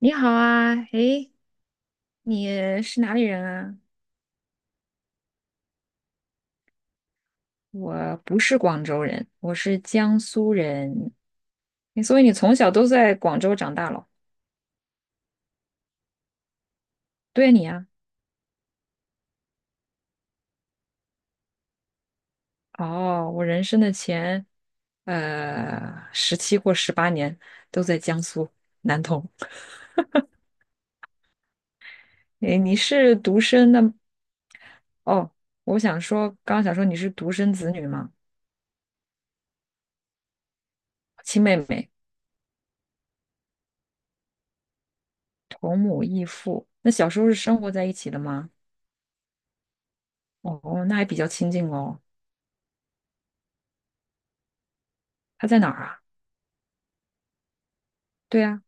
你好啊，诶，你是哪里人啊？我不是广州人，我是江苏人。诶所以你从小都在广州长大了？对啊你啊，哦，我人生的前十七或十八年都在江苏南通。诶，你是独生的？哦，我想说，刚刚想说你是独生子女吗？亲妹妹，同母异父。那小时候是生活在一起的吗？哦，那还比较亲近哦。他在哪儿啊？对呀、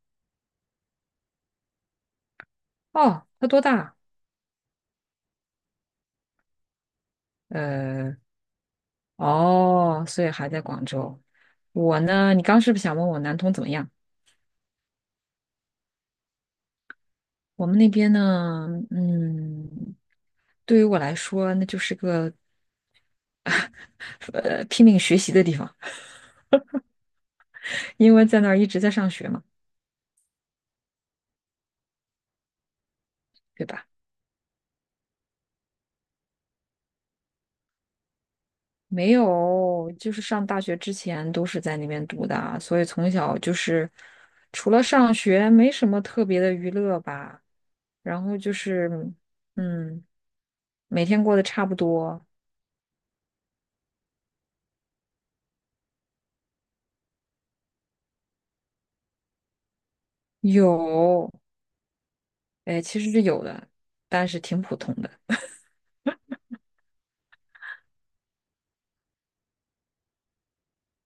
哦，他多大啊？呃，哦，所以还在广州。我呢，你刚是不是想问我南通怎么样？我们那边呢，嗯，对于我来说，那就是个拼命学习的地方，因为在那儿一直在上学嘛，对吧？没有，就是上大学之前都是在那边读的啊，所以从小就是除了上学，没什么特别的娱乐吧。然后就是，嗯，每天过得差不多，有，哎，其实是有的，但是挺普通的，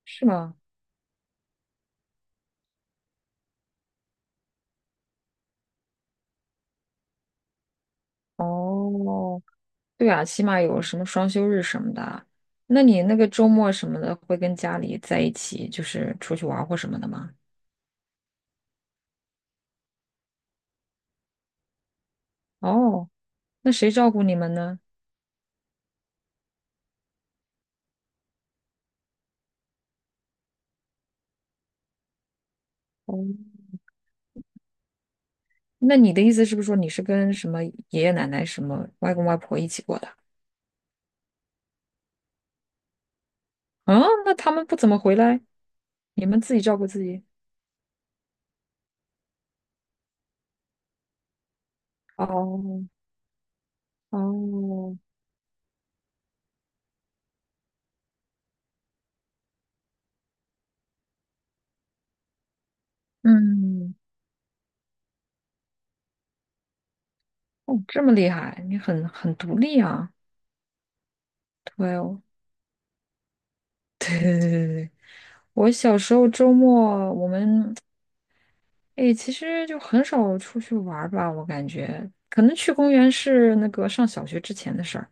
是吗？哦，对啊，起码有什么双休日什么的。那你那个周末什么的，会跟家里在一起，就是出去玩儿或什么的吗？哦，那谁照顾你们呢？哦，那你的意思是不是说你是跟什么爷爷奶奶、什么外公外婆一起过的？啊，那他们不怎么回来，你们自己照顾自己。哦哦，嗯，哦，这么厉害，你很独立啊。哇哦，对对对对对，我小时候周末我们哎，其实就很少出去玩儿吧，我感觉可能去公园是那个上小学之前的事儿，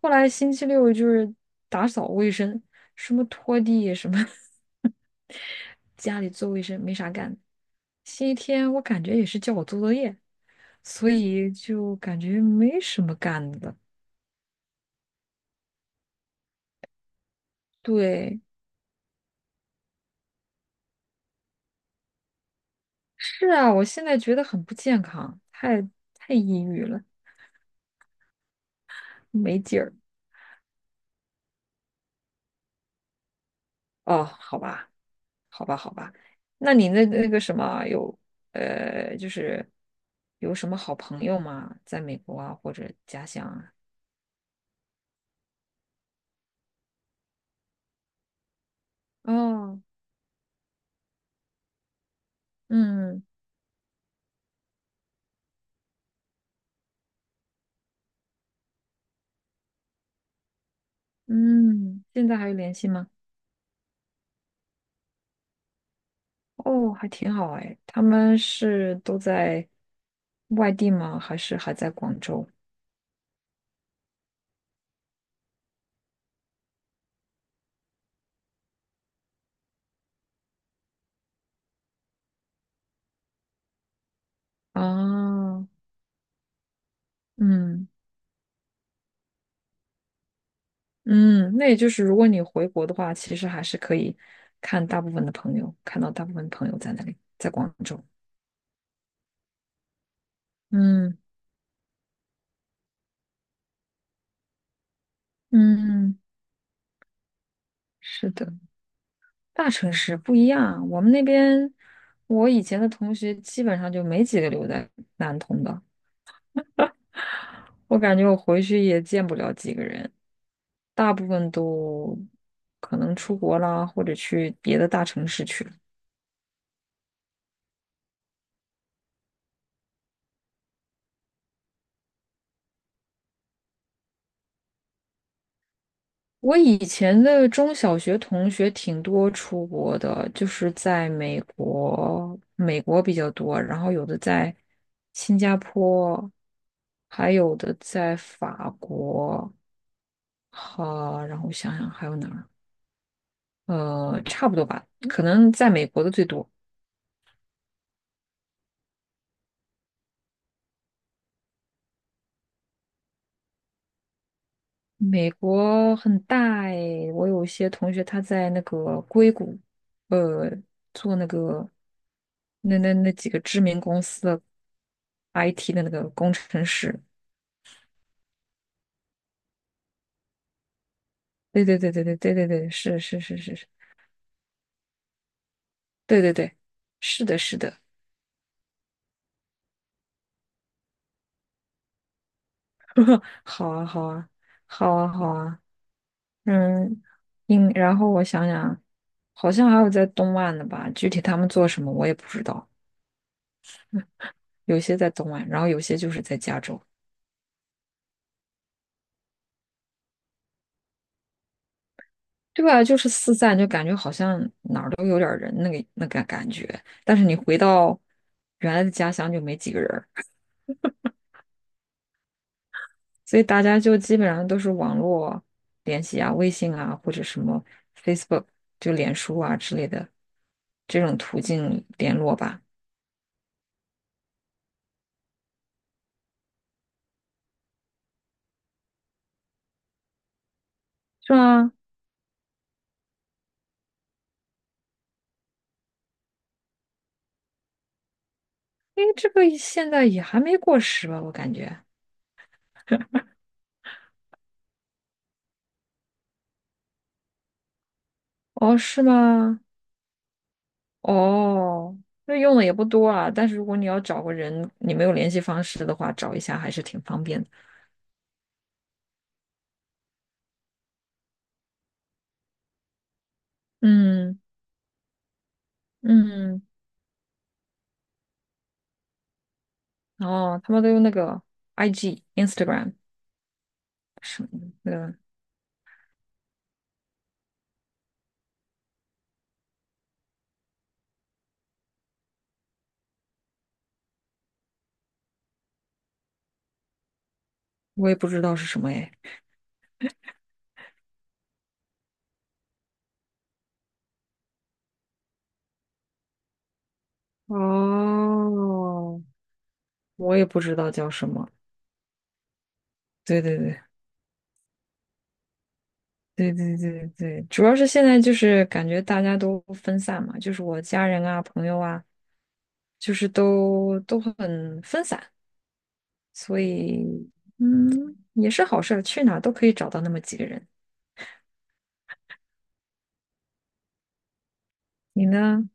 后来星期六就是打扫卫生，什么拖地什么 家里做卫生没啥干，星期天我感觉也是叫我做作业，所以就感觉没什么干的。对，是啊，我现在觉得很不健康，太抑郁了。没劲儿哦，好吧，好吧，好吧。那你那那个什么有呃，就是有什么好朋友吗？在美国啊，或者家乡啊？哦，嗯嗯，现在还有联系吗？哦，还挺好哎。他们是都在外地吗？还是还在广州？啊，嗯嗯，那也就是如果你回国的话，其实还是可以看大部分的朋友，看到大部分朋友在那里，在广州。嗯嗯，是的，大城市不一样啊。我们那边，我以前的同学基本上就没几个留在南通的，我感觉我回去也见不了几个人，大部分都可能出国啦，或者去别的大城市去了。我以前的中小学同学挺多出国的，就是在美国，美国比较多，然后有的在新加坡，还有的在法国。好，然后我想想还有哪儿？呃，差不多吧，可能在美国的最多。美国很大诶，我有一些同学他在那个硅谷，呃，做那个那几个知名公司的 IT 的那个工程师。对对对对对对对对，是是是是是，对对对，是的，是的。好啊，好啊，好啊，好啊。嗯，应，然后我想想，好像还有在东岸的吧，具体他们做什么我也不知道。有些在东岸，然后有些就是在加州，对吧？就是四散，就感觉好像哪儿都有点儿人，那个那个感觉。但是你回到原来的家乡就没几个人儿，所以大家就基本上都是网络联系啊，微信啊，或者什么 Facebook 就脸书啊之类的这种途径联络吧，是吗？因为这个现在也还没过时吧，我感觉。哦，是吗？哦，那用的也不多啊。但是如果你要找个人，你没有联系方式的话，找一下还是挺方便的。嗯嗯，哦，他们都用那个 IG、Instagram 什么那我也不知道是什么哎。哦，我也不知道叫什么。对对对对对对对，主要是现在就是感觉大家都分散嘛，就是我家人啊、朋友啊，就是都很分散。所以，嗯，也是好事儿，去哪儿都可以找到那么几个人。你呢？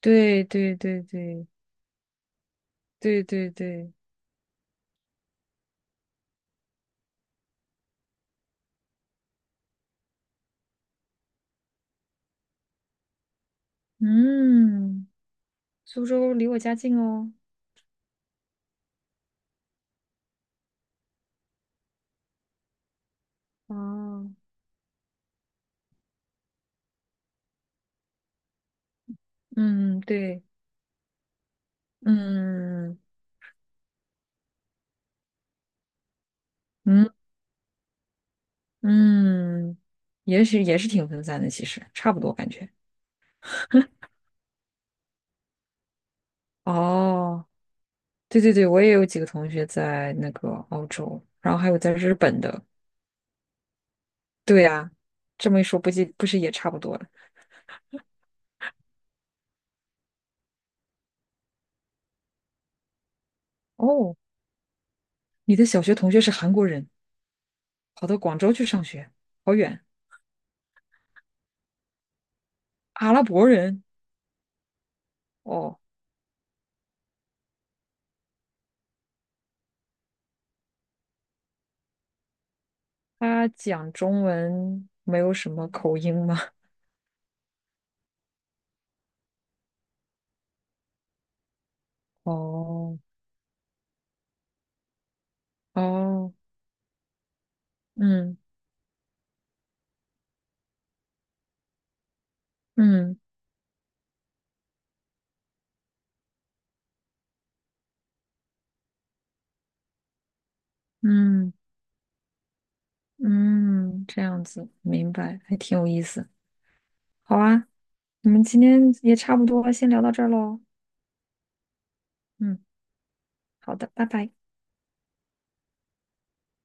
对对对对对对对，嗯，苏州离我家近哦。哦，嗯，对，嗯嗯嗯，也许也是挺分散的，其实差不多感觉。哦，对对对，我也有几个同学在那个澳洲，然后还有在日本的。对呀，这么一说，不计不是也差不多了？哦，你的小学同学是韩国人。跑到广州去上学，好远。阿拉伯人哦，他讲中文没有什么口音吗？哦哦，嗯嗯嗯嗯，这样子，明白，还挺有意思。好啊，我们今天也差不多，先聊到这儿喽。嗯，好的，拜拜。